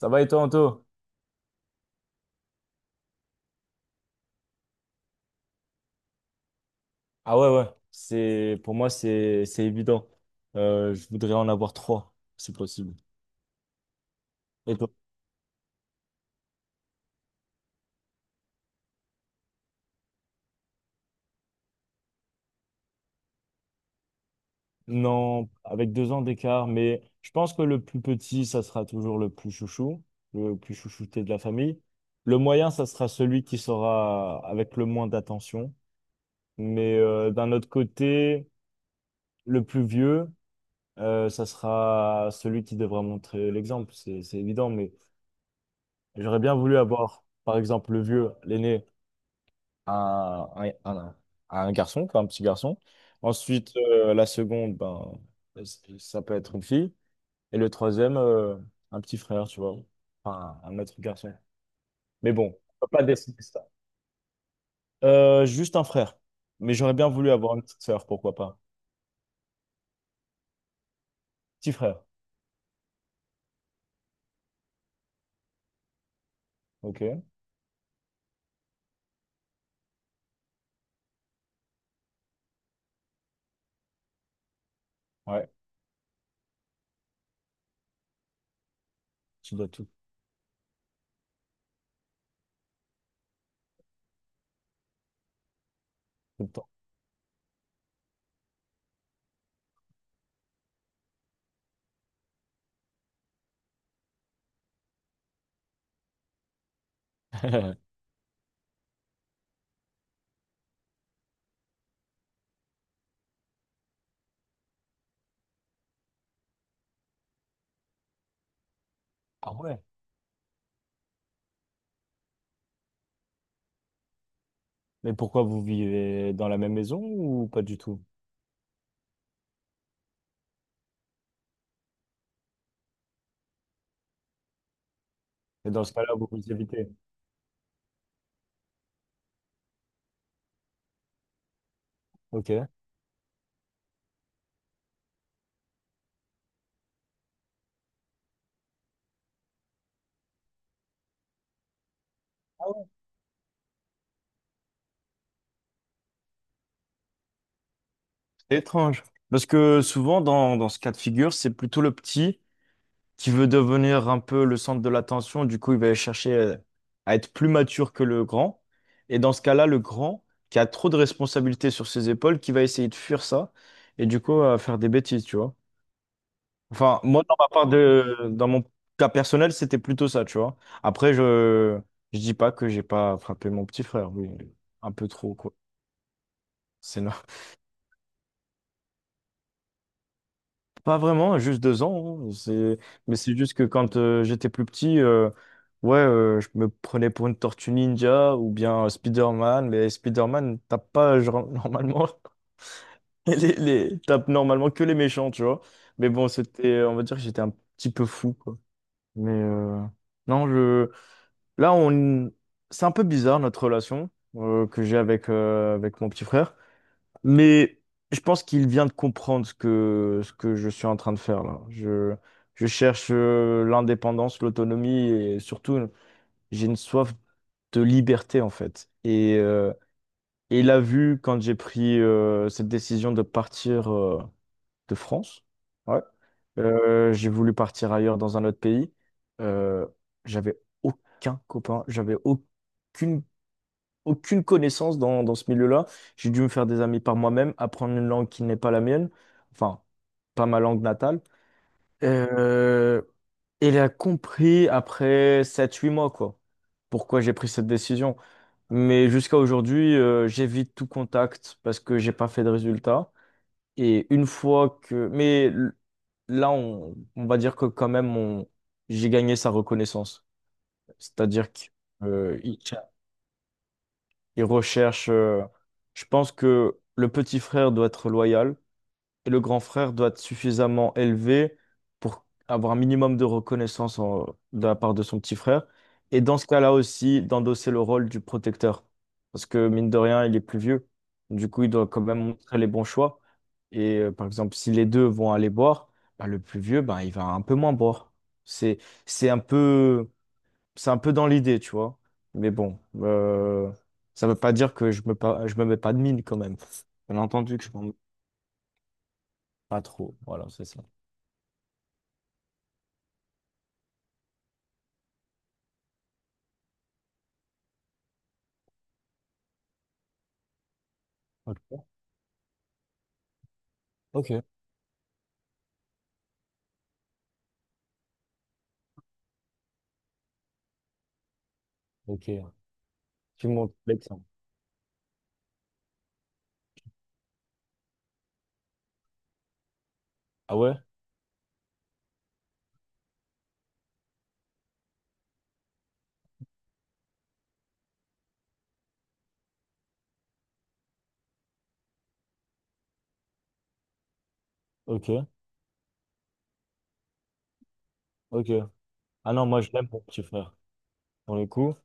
Ça va et toi, Anto? Ah ouais, ouais. C'est, pour moi, c'est évident. Je voudrais en avoir trois, si possible. Et toi? Non, avec 2 ans d'écart, mais je pense que le plus petit, ça sera toujours le plus chouchou, le plus chouchouté de la famille. Le moyen, ça sera celui qui sera avec le moins d'attention. Mais d'un autre côté, le plus vieux, ça sera celui qui devra montrer l'exemple. C'est évident, mais j'aurais bien voulu avoir, par exemple, le vieux, l'aîné. à un, à un- Garçon, quoi, un petit garçon. Ensuite, la seconde, ben, ça peut être une fille. Et le troisième, un petit frère, tu vois. Enfin, un autre garçon. Mais bon, on peut pas décider ça. Juste un frère. Mais j'aurais bien voulu avoir une petite sœur, pourquoi pas. Petit frère. Ok. Ouais, tu dois tout, tout le temps. Ah ouais. Mais pourquoi vous vivez dans la même maison ou pas du tout? Et dans ce cas-là, vous vous évitez. Ok. C'est étrange. Parce que souvent, dans ce cas de figure, c'est plutôt le petit qui veut devenir un peu le centre de l'attention. Du coup, il va chercher à être plus mature que le grand. Et dans ce cas-là, le grand, qui a trop de responsabilités sur ses épaules, qui va essayer de fuir ça et du coup, à faire des bêtises, tu vois. Enfin, moi, dans ma part de, dans mon cas personnel, c'était plutôt ça, tu vois. Après, je dis pas que j'ai pas frappé mon petit frère, mais un peu trop, quoi. C'est no- Pas vraiment, juste 2 ans. Hein. C'est. Mais c'est juste que quand j'étais plus petit, ouais, je me prenais pour une tortue ninja ou bien Spider-Man. Mais Spider-Man tape pas genre, normalement et tape normalement que les méchants, tu vois. Mais bon, c'était, on va dire que j'étais un petit peu fou, quoi. Mais non, là, on... c'est un peu bizarre notre relation que j'ai avec mon petit frère. Mais je pense qu'il vient de comprendre ce que je suis en train de faire là. Je cherche l'indépendance, l'autonomie et surtout, j'ai une soif de liberté en fait. Et il a vu quand j'ai pris cette décision de partir de France. Ouais. J'ai voulu partir ailleurs dans un autre pays. Euh, J'avais aucun copain, j'avais aucune connaissance dans ce milieu-là. J'ai dû me faire des amis par moi-même, apprendre une langue qui n'est pas la mienne, enfin, pas ma langue natale. Euh, et elle a compris après 7 8 mois, quoi, pourquoi j'ai pris cette décision. Mais jusqu'à aujourd'hui, j'évite tout contact parce que j'ai pas fait de résultat. Et une fois que. Mais là, on va dire que quand même, j'ai gagné sa reconnaissance. C'est-à-dire qu'il. Ils recherchent. Je pense que le petit frère doit être loyal et le grand frère doit être suffisamment élevé pour avoir un minimum de reconnaissance de la part de son petit frère. Et dans ce cas-là aussi, d'endosser le rôle du protecteur. Parce que mine de rien, il est plus vieux. Du coup, il doit quand même montrer les bons choix. Et par exemple, si les deux vont aller boire, bah, le plus vieux, bah, il va un peu moins boire. C'est, c'est un peu dans l'idée, tu vois. Mais bon, ça veut pas dire que je me mets pas de mine quand même. Bien entendu que je m'en mets pas trop. Voilà, c'est ça. Ok, ok, ok. Tu montes l'exemple. Ah ouais? Ok, ok. Ah non, moi je l'aime mon petit frère, pour le coup.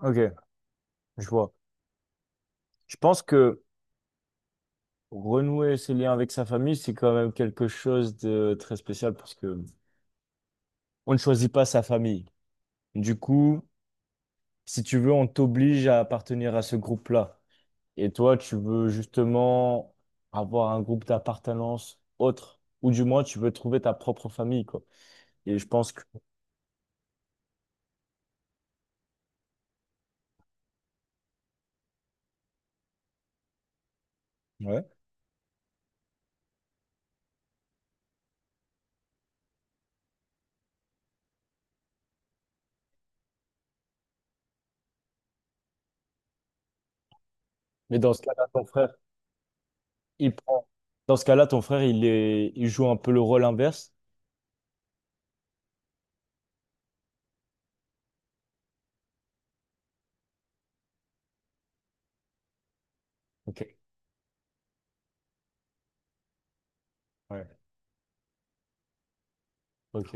Ok, je vois. Je pense que renouer ses liens avec sa famille, c'est quand même quelque chose de très spécial parce que on ne choisit pas sa famille. Du coup, si tu veux, on t'oblige à appartenir à ce groupe-là. Et toi, tu veux justement avoir un groupe d'appartenance autre, ou du moins tu veux trouver ta propre famille, quoi. Et je pense que, ouais. Mais dans ce cas-là, ton frère, il prend- dans ce cas-là, ton frère, il joue un peu le rôle inverse. Ok. Ouais. Ok.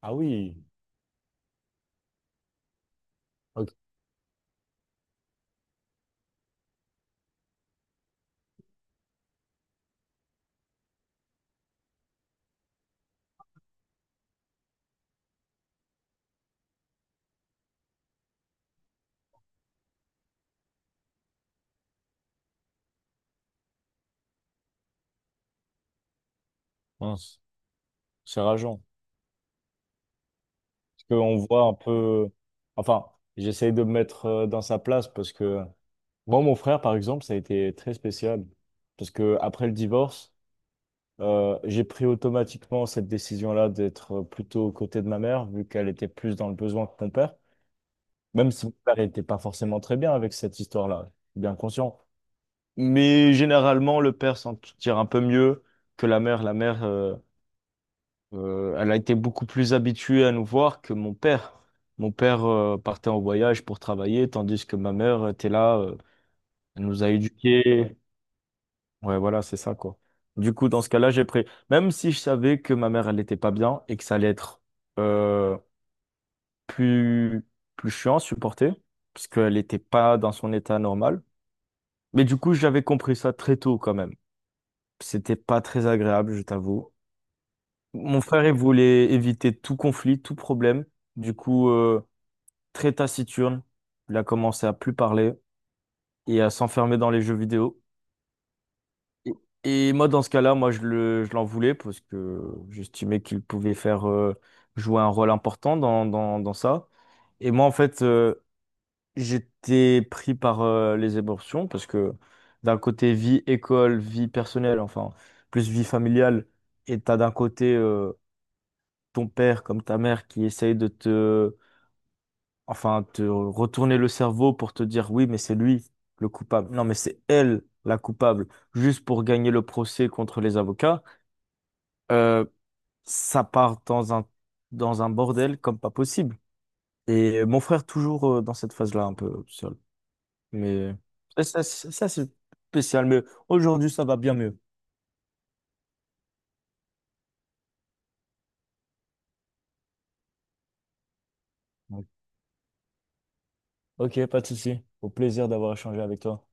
Ah oui. Ok. Mince. C'est rageant. Parce qu'on voit un peu, enfin, j'essaye de me mettre dans sa place parce que moi, mon frère, par exemple, ça a été très spécial. Parce que après le divorce, j'ai pris automatiquement cette décision-là d'être plutôt aux côtés de ma mère, vu qu'elle était plus dans le besoin que mon père, même si mon père n'était pas forcément très bien avec cette histoire-là, je suis bien conscient. Mais généralement, le père s'en tire un peu mieux que la mère. La mère, elle a été beaucoup plus habituée à nous voir que mon père. Mon père, partait en voyage pour travailler, tandis que ma mère était là, elle nous a éduqués. Ouais, voilà, c'est ça, quoi. Du coup, dans ce cas-là, j'ai pris. Même si je savais que ma mère, elle n'était pas bien et que ça allait être euh, plus, plus chiant à supporter, parce qu'elle n'était pas dans son état normal. Mais du coup, j'avais compris ça très tôt, quand même. C'était pas très agréable, je t'avoue. Mon frère, il voulait éviter tout conflit, tout problème. Du coup, très taciturne, il a commencé à plus parler et à s'enfermer dans les jeux vidéo. Et et moi, dans ce cas-là, moi, je l'en voulais parce que j'estimais qu'il pouvait faire jouer un rôle important dans ça. Et moi, en fait, j'étais pris par les émotions parce que d'un côté, vie école, vie personnelle, enfin, plus vie familiale, et t'as d'un côté ton père comme ta mère qui essaye de te, enfin, te retourner le cerveau pour te dire oui, mais c'est lui le coupable. Non, mais c'est elle la coupable, juste pour gagner le procès contre les avocats. Euh, Ça part dans un bordel comme pas possible. Et mon frère, toujours dans cette phase-là, un peu seul. Mais ça, c'est spécial. Mais aujourd'hui, ça va bien mieux. Donc, ok, pas de souci. Au plaisir d'avoir échangé avec toi.